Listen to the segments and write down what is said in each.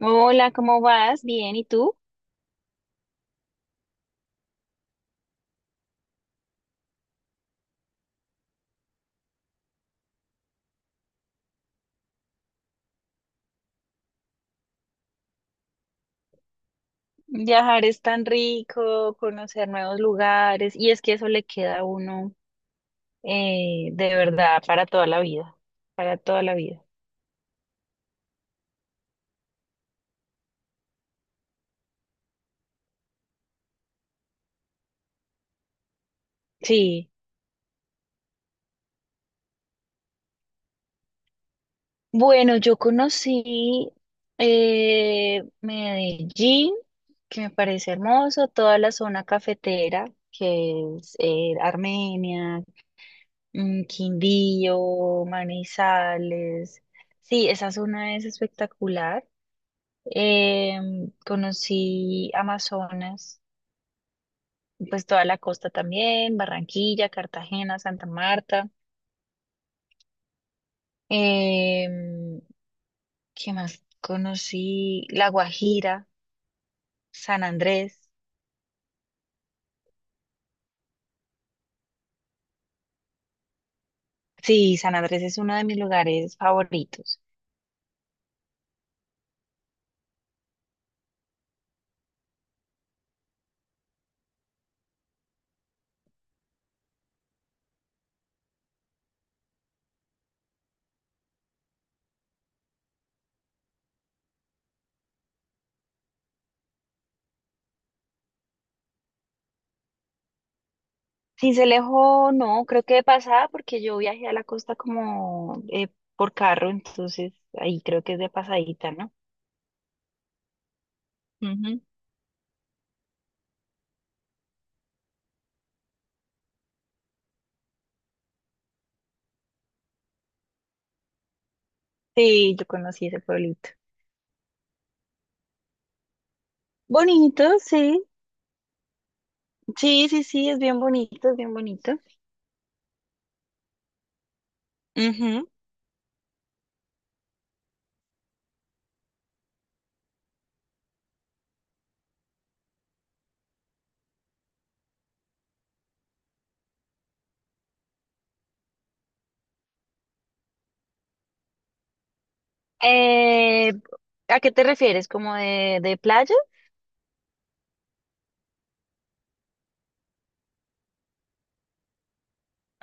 Hola, ¿cómo vas? Bien, ¿y tú? Viajar es tan rico, conocer nuevos lugares, y es que eso le queda a uno de verdad para toda la vida, para toda la vida. Sí, bueno, yo conocí Medellín, que me parece hermoso, toda la zona cafetera, que es Armenia, Quindío, Manizales. Sí, esa zona es espectacular. Eh, Conocí Amazonas, pues toda la costa también, Barranquilla, Cartagena, Santa Marta. Eh, ¿Qué más? Conocí La Guajira, San Andrés. Sí, San Andrés es uno de mis lugares favoritos. Sincelejo, no, creo que de pasada porque yo viajé a la costa como por carro, entonces ahí creo que es de pasadita, ¿no? Ujú. Sí, yo conocí ese pueblito. Bonito, sí. Sí, sí, sí, es bien bonito, es bien bonito. Ujú. Eh, ¿A qué te refieres? ¿Como de playa?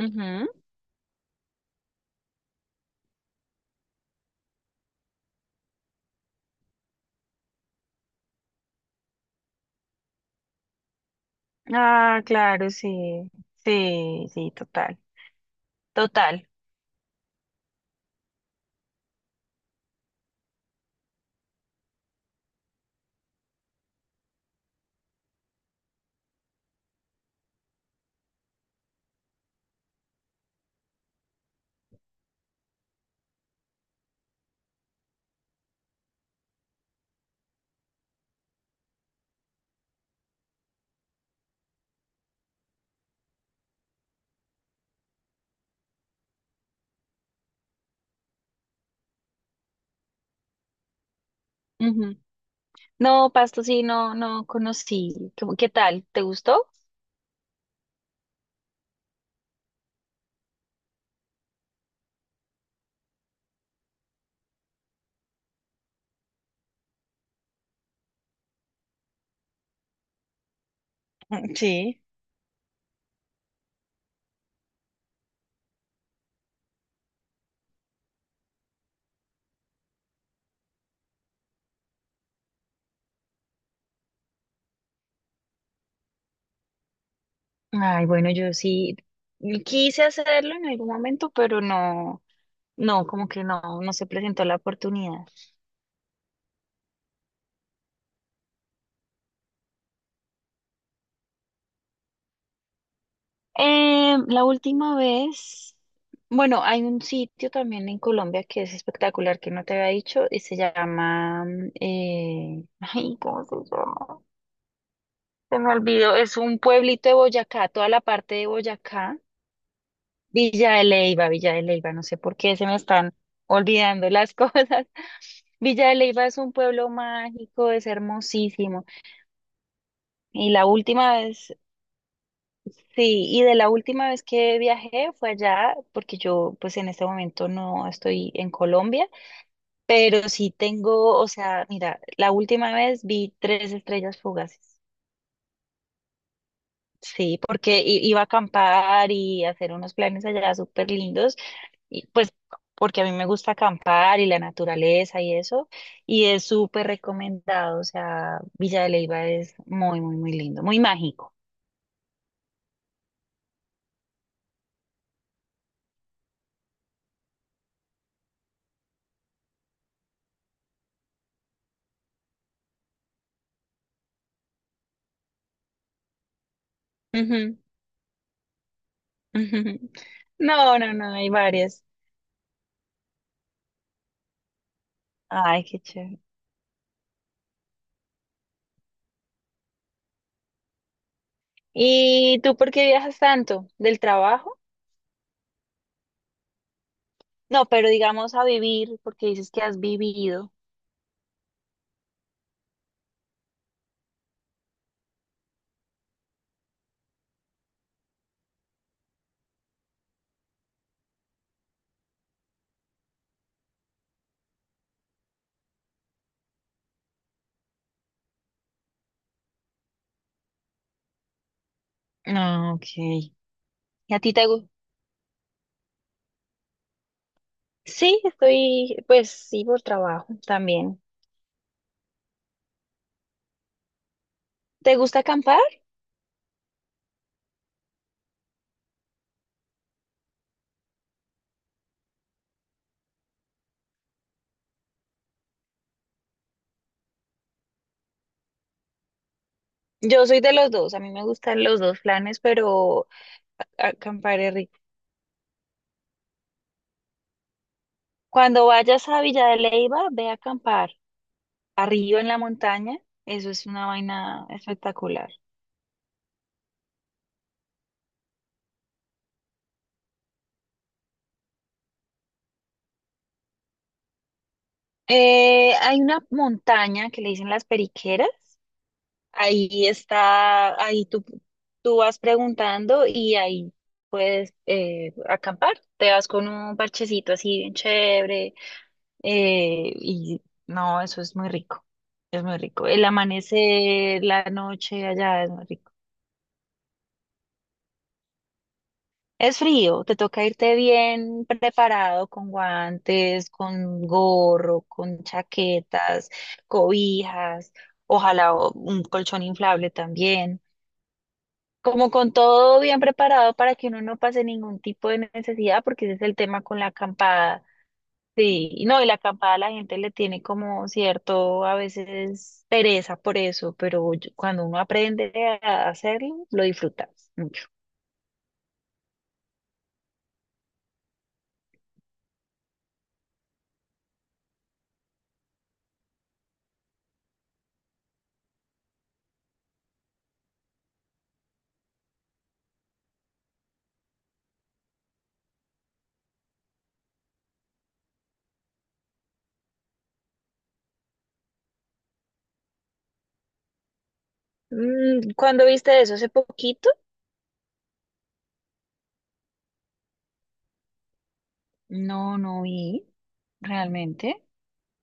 Ujú. Ah, claro, sí, sí, sí, total, total. Ujú. No, Pasto, sí, no, no conocí. ¿Cómo- ¿Qué tal? ¿Te gustó? Mm, sí. Ay, bueno, yo sí quise hacerlo en algún momento, pero no, no, como que no, no se presentó la oportunidad. La última vez, bueno, hay un sitio también en Colombia que es espectacular que no te había dicho y se llama, ay, ¿cómo se llama? Se me olvidó, es un pueblito de Boyacá, toda la parte de Boyacá, Villa de Leyva, no sé por qué se me están olvidando las cosas. Villa de Leyva es un pueblo mágico, es hermosísimo. Y la última vez Sí, y de la última vez que viajé fue allá, porque yo pues en este momento no estoy en Colombia, pero sí tengo, o sea, mira, la última vez vi tres estrellas fugaces. Sí, porque iba a acampar y hacer unos planes allá súper lindos, y pues porque a mí me gusta acampar y la naturaleza y eso, y es súper recomendado, o sea, Villa de Leyva es muy, muy, muy lindo, muy mágico. Ujú, ujú. No, no, no, hay varias. Ay, qué chévere. ¿Y tú por qué viajas tanto? ¿Del trabajo? No, pero digamos a vivir, porque dices que has vivido. Ah, ok. ¿Y a ti te gusta? Sí, estoy, pues sí, por trabajo también. ¿Te gusta acampar? Yo soy de los dos, a mí me gustan los dos planes, pero acampar es rico. Cuando vayas a Villa de Leyva, ve a acampar arriba en la montaña, eso es una vaina espectacular. Hay una montaña que le dicen las Periqueras, ahí está, tú vas preguntando y ahí puedes acampar. Te vas con un parchecito así bien chévere y no, eso es muy rico, es muy rico. El amanecer, la noche allá es muy rico. Es frío, te toca irte bien preparado con guantes, con gorro, con chaquetas, cobijas, ojalá un colchón inflable también. Como con todo bien preparado para que uno no pase ningún tipo de necesidad, porque ese es el tema con la acampada. Sí, y no, y la acampada la gente le tiene como cierto, a veces pereza por eso, pero cuando uno aprende a hacerlo, lo disfrutas mucho. Mm, ¿cuándo viste eso? ¿Hace poquito? No, no vi, realmente.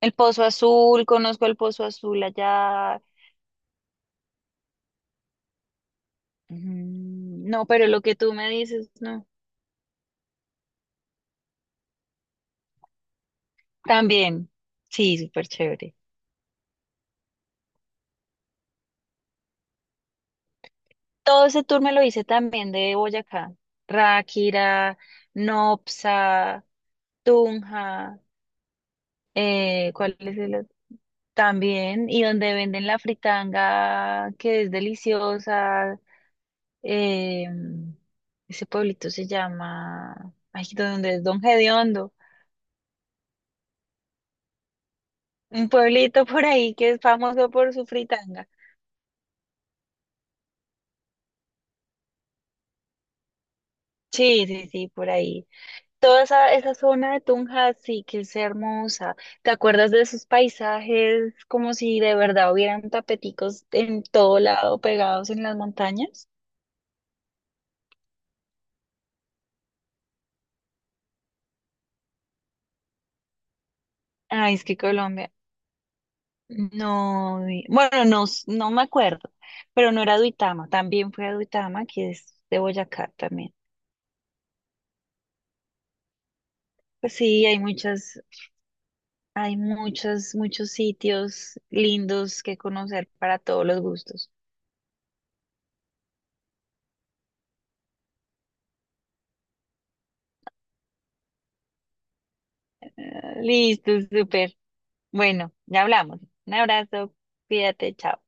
El Pozo Azul, conozco el Pozo Azul allá. Mm, no, pero lo que tú me dices, no. También, sí, súper chévere. Todo ese tour me lo hice también de Boyacá. Ráquira, Nopsa, Tunja, ¿cuál es el otro? También, y donde venden la fritanga, que es deliciosa. eh, Ese pueblito se llama, ay, donde es Don Gediondo, un pueblito por ahí que es famoso por su fritanga. Sí, sí, sí, por ahí. Toda esa, esa zona de Tunja sí que es hermosa. ¿Te acuerdas de esos paisajes como si de verdad hubieran tapeticos en todo lado pegados en las montañas? Ay, es que Colombia. No, bueno, no, no me acuerdo, pero no era Duitama, también fue a Duitama, que es de Boyacá también. Pues sí, hay muchas, hay muchos, muchos sitios lindos que conocer para todos los gustos. Ah, listo, súper. Bueno, ya hablamos. Un abrazo, cuídate, chao.